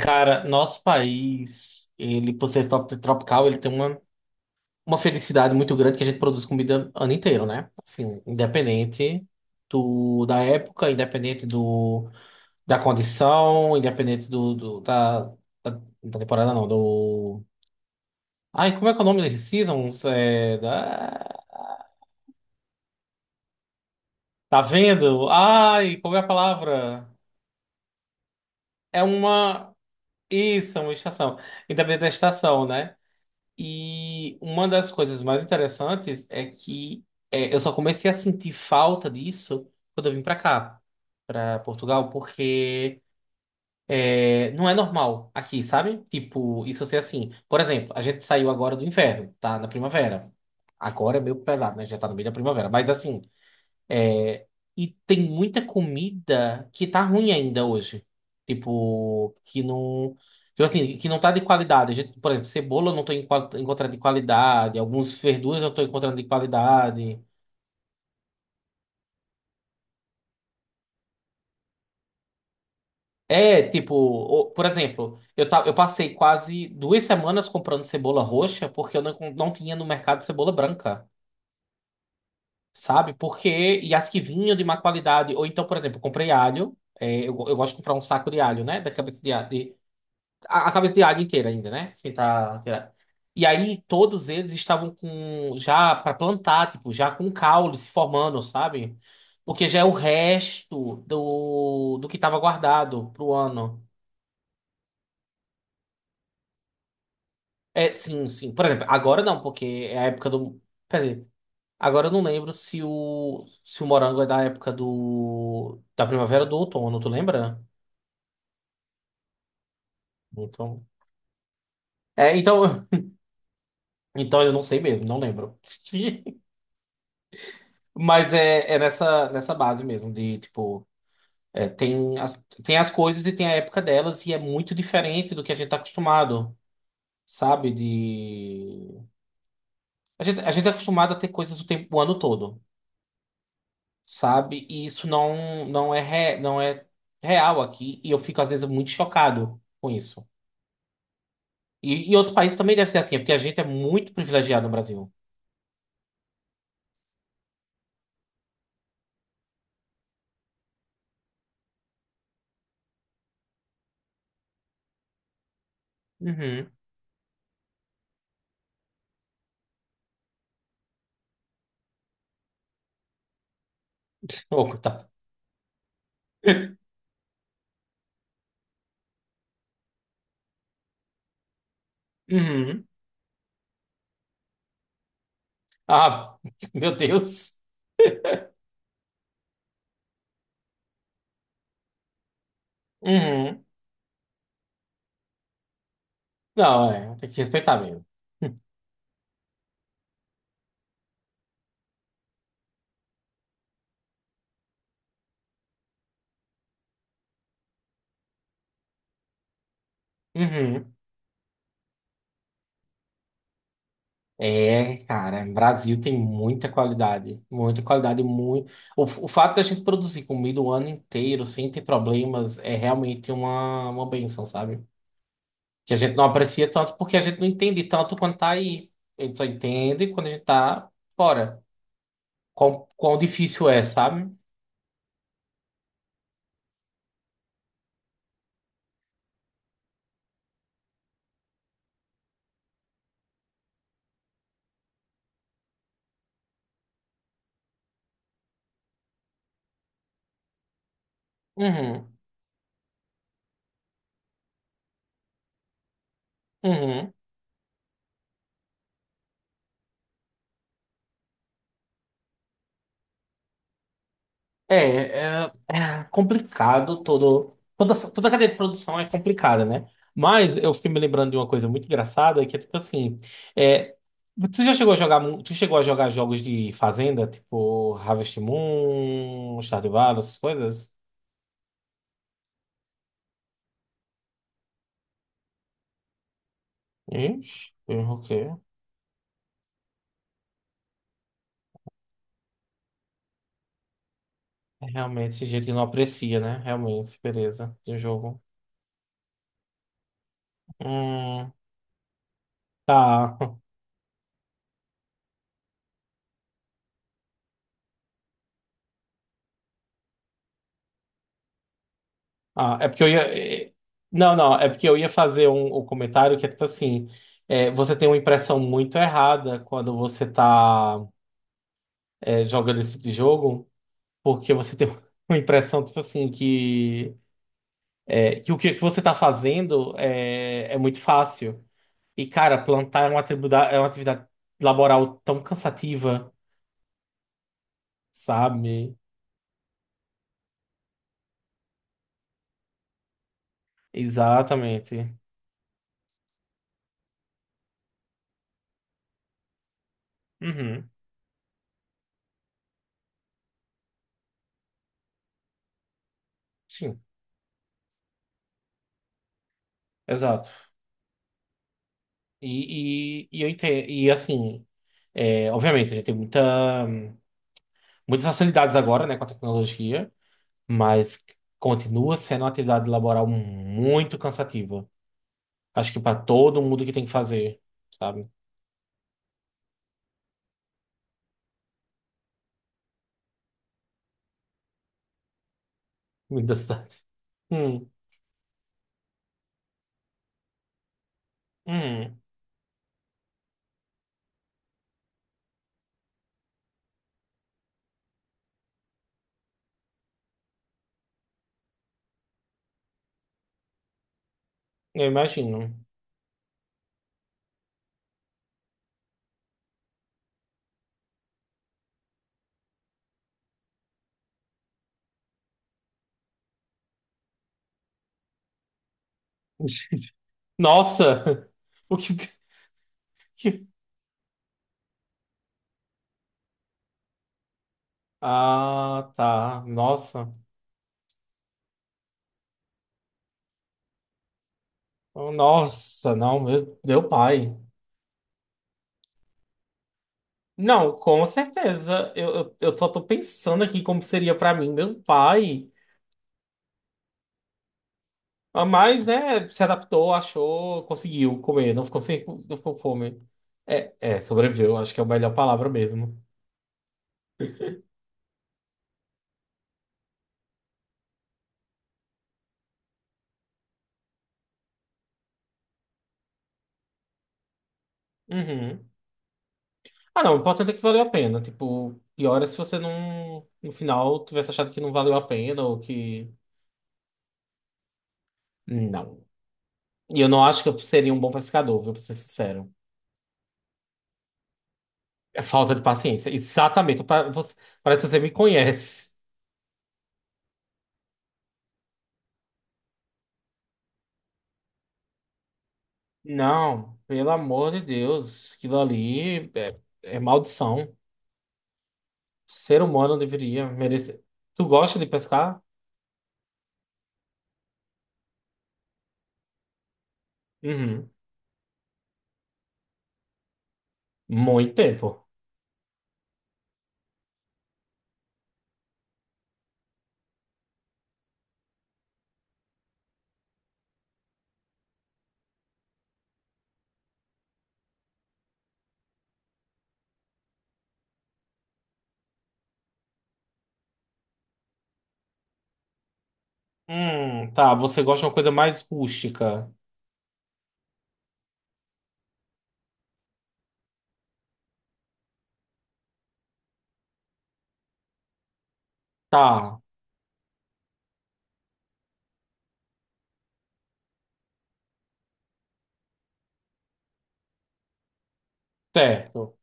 Cara, nosso país, ele por ser tropical, ele tem uma felicidade muito grande que a gente produz comida ano inteiro, né? Assim, independente da época, independente da condição, independente da temporada, não, do... Ai, como é que é o nome das seasons? Da... Tá vendo? Ai, como é a palavra? É uma... Isso, é uma estação. Independente da estação, né? E uma das coisas mais interessantes é que eu só comecei a sentir falta disso quando eu vim pra cá, pra Portugal, porque não é normal aqui, sabe? Tipo, isso ser assim. Por exemplo, a gente saiu agora do inverno, tá? Na primavera. Agora é meio pesado, né? Já tá no meio da primavera. Mas assim. É, e tem muita comida que tá ruim ainda hoje. Tipo, que não. Tipo assim, que não tá de qualidade. A gente, por exemplo, cebola eu não tô encontrando de qualidade. Algumas verduras eu não tô encontrando de qualidade. É, tipo, por exemplo, eu passei quase duas semanas comprando cebola roxa porque eu não, não tinha no mercado cebola branca, sabe? Porque, e as que vinham de má qualidade. Ou então, por exemplo, eu comprei alho. É, eu gosto de comprar um saco de alho, né? Da cabeça de alho a cabeça de águia inteira ainda, né? Sem tá, tirar. E aí todos eles estavam com já para plantar, tipo, já com caule se formando, sabe? Porque já é o resto do que estava guardado pro ano. É, sim, sim. Por exemplo, agora não, porque é a época do. Quer dizer, agora eu não lembro se o morango é da época da primavera ou do outono, tu lembra? Então, é, então, então eu não sei mesmo, não lembro. Mas é, é nessa base mesmo, de tipo, é, tem as coisas e tem a época delas, e é muito diferente do que a gente tá acostumado, sabe? De... a gente é acostumado a ter coisas o tempo, o ano todo, sabe? E isso não é real aqui, e eu fico às vezes muito chocado com isso. E outros países também deve ser assim, é porque a gente é muito privilegiado no Brasil. Uhum. Ô, coitado. Uhum. Ah, meu Deus. Uhum. Não, é, tem que respeitar mesmo. Uhum. É, cara, o Brasil tem muita qualidade, muito. O fato da gente produzir comida o ano inteiro sem ter problemas é realmente uma bênção, sabe? Que a gente não aprecia tanto porque a gente não entende tanto quando tá aí. A gente só entende quando a gente tá fora. Quão difícil é, sabe? Uhum, uhum. É, é, é complicado todo. Toda, toda a cadeia de produção é complicada, né? Mas eu fiquei me lembrando de uma coisa muito engraçada, que é tipo assim. É, tu chegou a jogar jogos de fazenda, tipo Harvest Moon, Stardew Valley, essas coisas? Ixi, o quê? É realmente, esse jeito que não aprecia, né? Realmente, beleza. De jogo. Hum, tá. Ah, é porque eu ia. eh, Não, não, é porque eu ia fazer um comentário que é tipo assim: você tem uma impressão muito errada quando você tá jogando esse tipo de jogo, porque você tem uma impressão, tipo assim, que, que o que que você tá fazendo é muito fácil. E, cara, plantar é uma atividade laboral tão cansativa, sabe? Exatamente. Uhum, sim, exato. E eu entendo, e assim, é, obviamente, a gente tem muitas facilidades agora, né, com a tecnologia, mas continua sendo uma atividade laboral muito cansativa. Acho que para todo mundo que tem que fazer, sabe? Muito da cidade. Hum, hum, eu imagino. Nossa! O que, que- Ah, tá. Nossa. Nossa, não, meu pai. Não, com certeza. Eu só tô pensando aqui como seria pra mim, meu pai. Ah, mas, né, se adaptou, achou, conseguiu comer, não ficou sem, não ficou com fome. É, é, sobreviveu, acho que é a melhor palavra mesmo. Uhum. Ah, não, o importante é que valeu a pena. Tipo, pior é se você não, no final, tivesse achado que não valeu a pena ou que. Não. E eu não acho que eu seria um bom pescador, viu, pra ser sincero. É falta de paciência. Exatamente. Parece que você me conhece. Não, pelo amor de Deus, aquilo ali é maldição. Ser humano deveria merecer. Tu gosta de pescar? Uhum. Muito tempo. Tá, você gosta de uma coisa mais rústica. Tá, certo.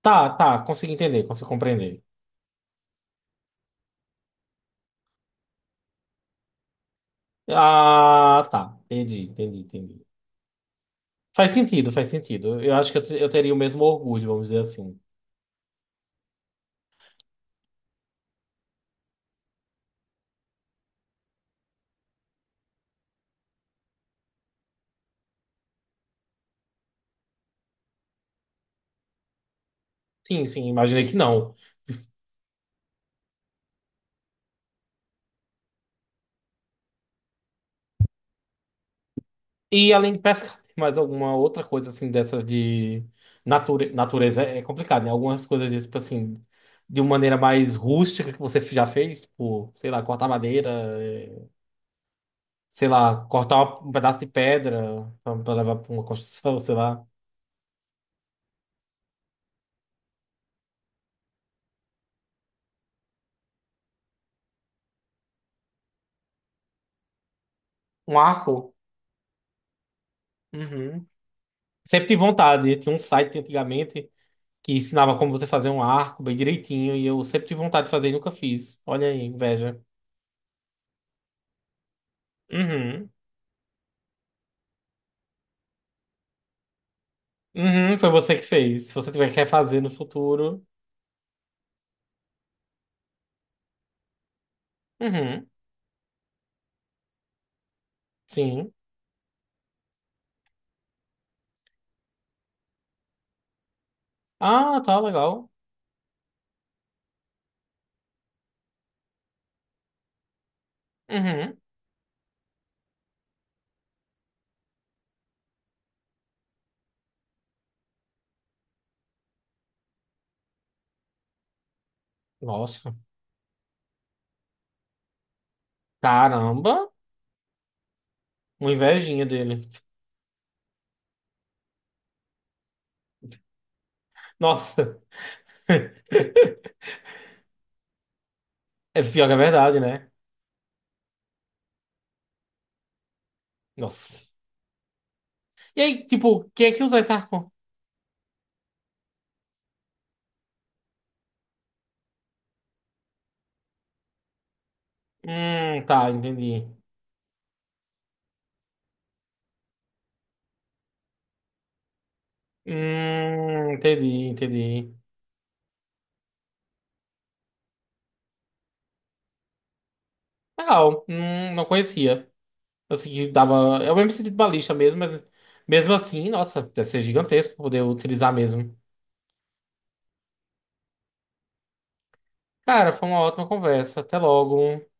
Tá, tá, consegui entender, consegui compreender. Ah, tá, entendi, entendi, entendi. Faz sentido, faz sentido. Eu acho que eu teria o mesmo orgulho, vamos dizer assim. Sim, sim, imaginei que não. E além de pesca, tem mais alguma outra coisa assim dessas de natureza é complicado, né? Algumas coisas tipo assim, de uma maneira mais rústica que você já fez, tipo, sei lá, cortar madeira, eh, sei lá, cortar um pedaço de pedra pra levar pra uma construção, sei lá, um arco. Uhum. Sempre tive vontade, né? Tinha um site antigamente que ensinava como você fazer um arco bem direitinho e eu sempre tive vontade de fazer e nunca fiz. Olha aí, inveja. Uhum. Uhum, foi você que fez. Se você tiver quer fazer no futuro. Uhum, sim. Ah, tá legal. Uhum. Nossa. Caramba. Uma invejinha dele. Nossa. É pior que a verdade, né? Nossa. E aí, tipo, quem é que usa esse arco? Tá, entendi. Entendi, entendi. Legal. Não conhecia. Assim, que dava. É o mesmo sentido de balista mesmo, mas mesmo assim, nossa, deve ser gigantesco poder utilizar mesmo. Cara, foi uma ótima conversa. Até logo.